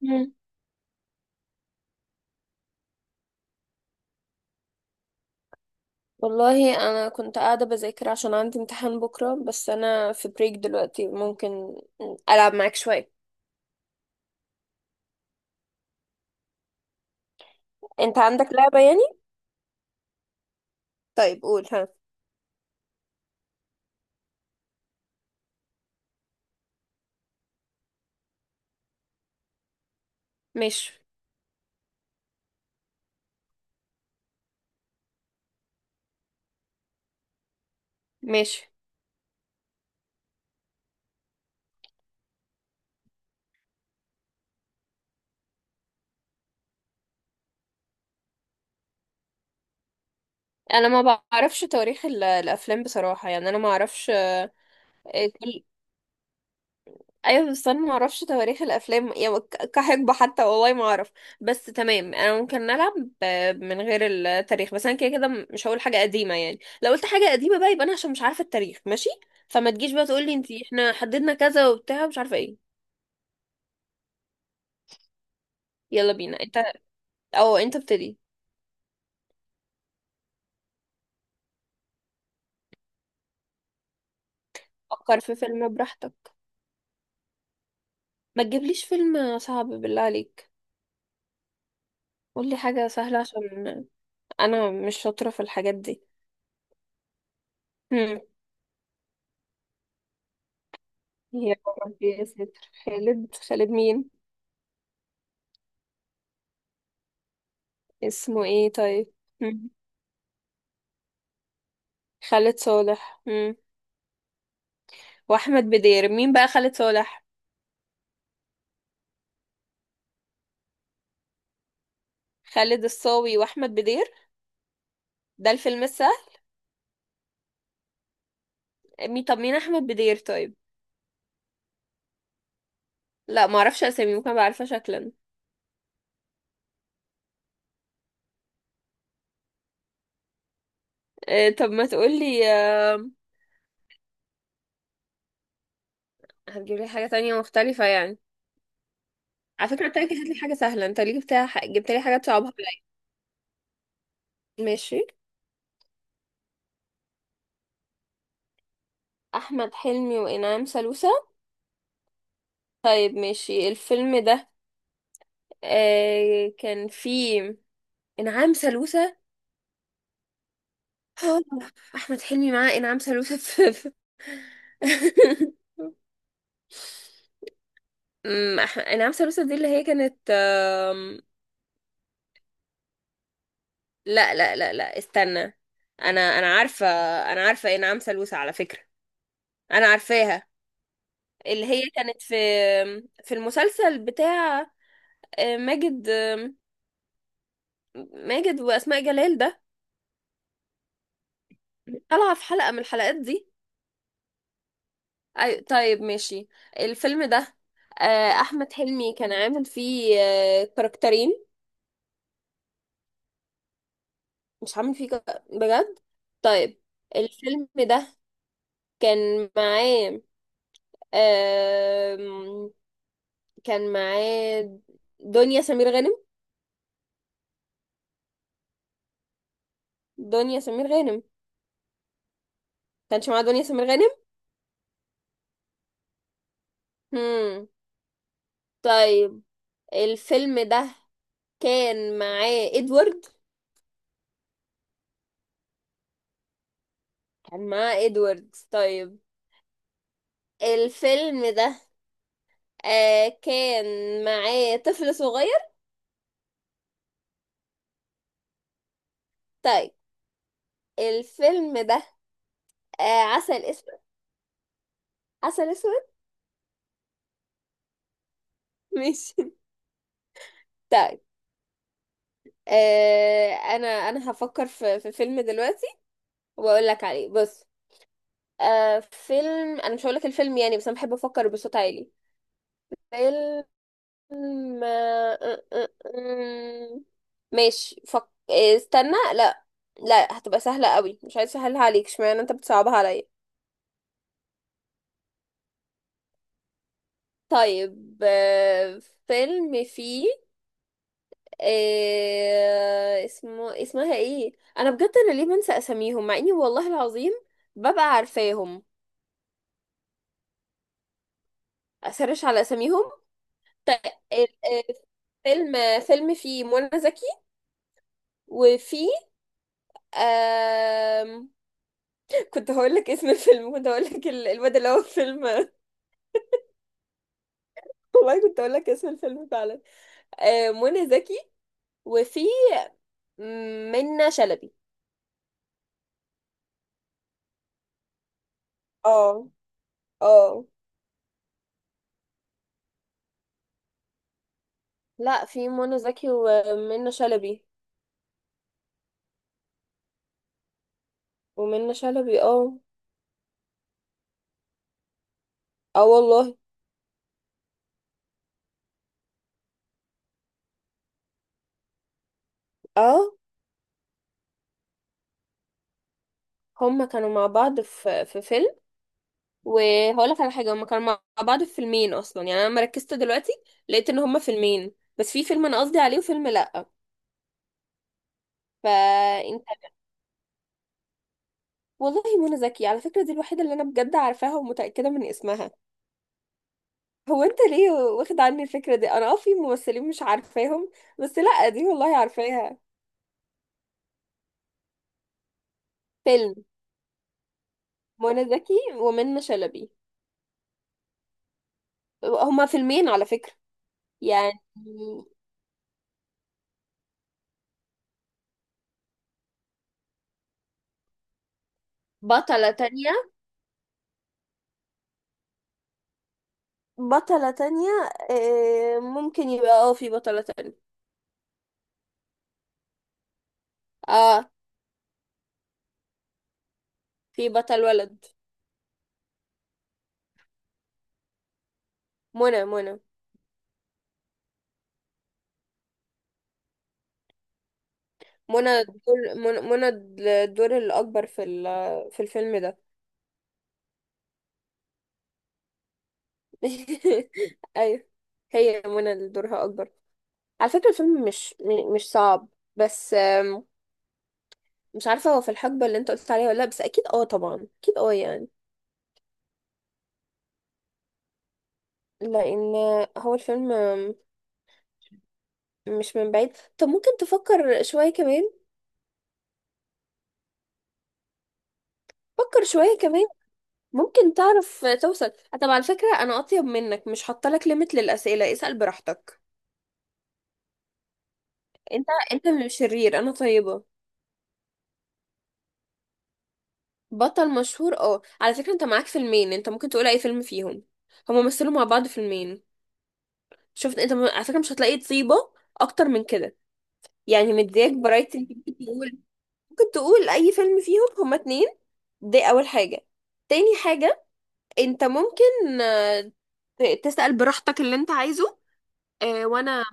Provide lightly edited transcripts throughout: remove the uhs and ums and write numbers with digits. مم. والله انا كنت قاعده بذاكر عشان عندي امتحان بكره، بس انا في بريك دلوقتي. ممكن العب معاك شويه. انت عندك لعبه يعني؟ طيب قول ها. ماشي، ماشي. انا ما بعرفش تواريخ الافلام بصراحه، يعني انا ما اعرفش. ايوه بس انا ما اعرفش تواريخ الافلام يعني كحقبه حتى، والله ما اعرف. بس تمام، انا ممكن نلعب ب- من غير التاريخ. بس انا كده كده مش هقول حاجه قديمه، يعني لو قلت حاجه قديمه بقى يبقى انا عشان مش عارفه التاريخ. ماشي، فما تجيش بقى تقول لي انت احنا حددنا كذا وبتاع مش عارفه ايه. يلا بينا انت، او انت ابتدي. فكر في فيلم براحتك. ما تجيبليش فيلم صعب بالله عليك. قول لي حاجه سهله، عشان انا مش شاطره في الحاجات دي. هم. يا ربي يا ستر، خالد؟ خالد مين؟ اسمه ايه طيب؟ مم. خالد صالح. مم. واحمد بدير؟ مين بقى خالد صالح؟ خالد الصاوي واحمد بدير. ده الفيلم السهل؟ مين؟ طب مين احمد بدير طيب؟ لا، ما اعرفش اسامي، ممكن ابقى عارفه شكلا. آه، طب ما تقول لي آه. هتجيب لي حاجه تانية مختلفه يعني. على فكره انت جبت لي حاجه سهله، انت ليه جبت؟ جبت لي حاجه تصعبها عليا. ماشي. احمد حلمي وانعام سالوسة. طيب ماشي. الفيلم ده آه كان فيه انعام سالوسة. آه، احمد حلمي معاه انعام سالوسة انعام سالوسة دي اللي هي كانت لا لا لا لا، استنى. انا عارفه. انا عارفه انعام سالوسة على فكره، انا عارفاها. اللي هي كانت في المسلسل بتاع ماجد، ماجد واسماء جلال ده، طالعه في حلقه من الحلقات دي. طيب ماشي. الفيلم ده احمد حلمي كان عامل فيه كاركترين. مش هعمل فيه كده بجد؟ طيب، الفيلم ده كان معاه آم، كان معاه دنيا سمير غانم. دنيا سمير غانم. كانش معاه دنيا سمير غانم. هم. طيب، الفيلم ده كان معاه ادوارد. كان معاه ادوارد طيب. الفيلم ده آه كان معاه طفل صغير. طيب، الفيلم ده آه عسل اسود. عسل اسود. ماشي. طيب، انا هفكر في فيلم دلوقتي واقول لك عليه. بص، فيلم، انا مش هقول لك الفيلم يعني، بس انا بحب افكر بصوت عالي. فيلم آه، آه، آه، آه. ماشي فك... آه، استنى. لا، لا هتبقى سهلة قوي، مش عايز اسهلها عليك، اشمعنى انت بتصعبها عليا. طيب، فيلم فيه اسمها ايه. انا بجد، انا ليه بنسى اساميهم مع اني والله العظيم ببقى عارفاهم. اسرش على اساميهم. طيب، ال- ال- فيلم، فيلم فيه منى زكي وفي آم... كنت هقول لك اسم الفيلم، كنت هقول لك الواد اللي هو في فيلم. والله كنت هقول لك اسم الفيلم فعلا. منى زكي وفي منى شلبي. اه، اه. لا، في منى زكي ومنى شلبي. ومنى شلبي اه. اه والله اه. هما كانوا مع بعض في في فيلم، وهقول لك على حاجه، هما كانوا مع بعض في فيلمين اصلا، يعني انا لما ركزت دلوقتي لقيت ان هما فيلمين، بس في فيلم انا قصدي عليه وفيلم لا. فانت، والله منى زكي على فكره دي الوحيده اللي انا بجد عارفاها ومتاكده من اسمها. هو انت ليه واخد عني الفكره دي؟ انا اه في ممثلين مش عارفاهم، بس لا دي والله عارفاها. فيلم منى زكي ومنى شلبي، هما فيلمين على فكره. يعني بطلة تانية، بطلة تانية. ممكن يبقى اه في بطلة تانية. اه في بطل ولد. منى، منى. منى الدور، منى، منى. الدور الأكبر في في الفيلم ده. أيوة، هي منى اللي دورها أكبر. على فكرة الفيلم مش صعب، بس مش عارفة هو في الحقبة اللي انت قلت عليها ولا لأ، بس أكيد اه طبعا أكيد اه يعني. لأن هو الفيلم مش من بعيد. طب ممكن تفكر شوية كمان. فكر شوية كمان، ممكن تعرف توصل. طب على فكرة أنا أطيب منك، مش حاطة لك ليميت للأسئلة، اسأل براحتك. انت انت اللي شرير، انا طيبة. بطل مشهور؟ اه، على فكرة انت معاك فيلمين، انت ممكن تقول اي فيلم فيهم. هما مثلوا مع بعض فيلمين. شفت انت، على فكرة مش هتلاقي طيبة اكتر من كده. يعني مدياك برايتي، انت ممكن تقول، ممكن تقول اي فيلم فيهم، هما اتنين. دي اول حاجة. تاني حاجة، انت ممكن تسأل براحتك اللي انت عايزه. وانا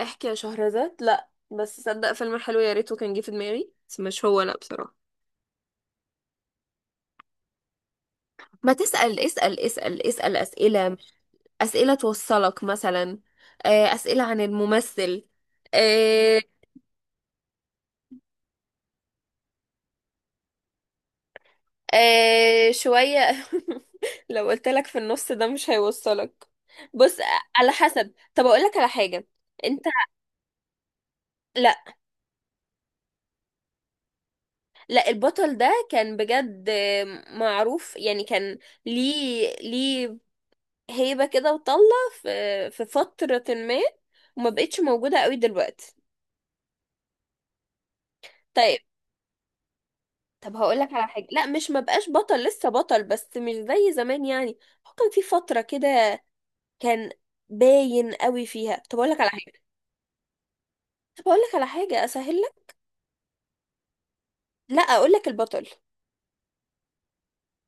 احكي يا شهرزاد؟ لا بس صدق فيلم حلو، يا ريته كان جه في دماغي، بس مش هو لا بصراحة. ما تسأل، اسأل، اسأل، اسأل أسئلة، أسئلة توصلك مثلا. أسئلة عن الممثل. آه، شوية. لو قلت لك في النص ده مش هيوصلك. بص، على حسب، طب أقول لك على حاجة. انت، لا، لا البطل ده كان بجد معروف يعني، كان ليه، ليه هيبة كده وطلة في فترة ما، وما بقتش موجودة قوي دلوقتي. طيب، طب هقول لك على حاجة. لا، مش مبقاش بطل، لسه بطل، بس مش زي زمان يعني. هو كان في فترة كده كان باين قوي فيها. طب اقول لك على حاجة، طب اقول لك على حاجة اسهل لك. لا، اقول لك البطل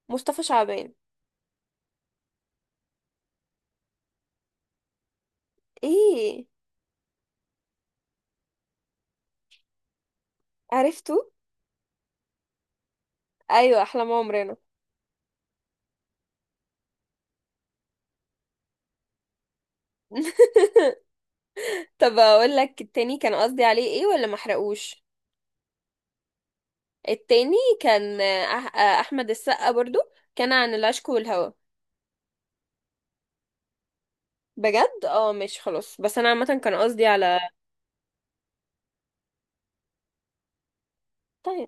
مصطفى شعبان. ايه؟ عرفته. ايوه، احلام عمرنا. طب اقول لك التاني كان قصدي عليه ايه، ولا ما احرقوش؟ التاني كان احمد السقا برضو، كان عن العشق والهوى. بجد اه، ماشي خلاص، بس انا عامه كان قصدي على. طيب،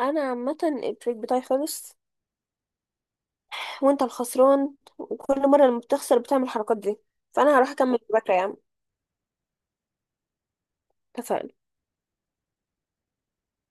انا عامه التريك بتاعي خالص، وانت الخسران، وكل مره لما بتخسر بتعمل الحركات دي. فانا هروح اكمل مذاكره يا عم. اتفقنا.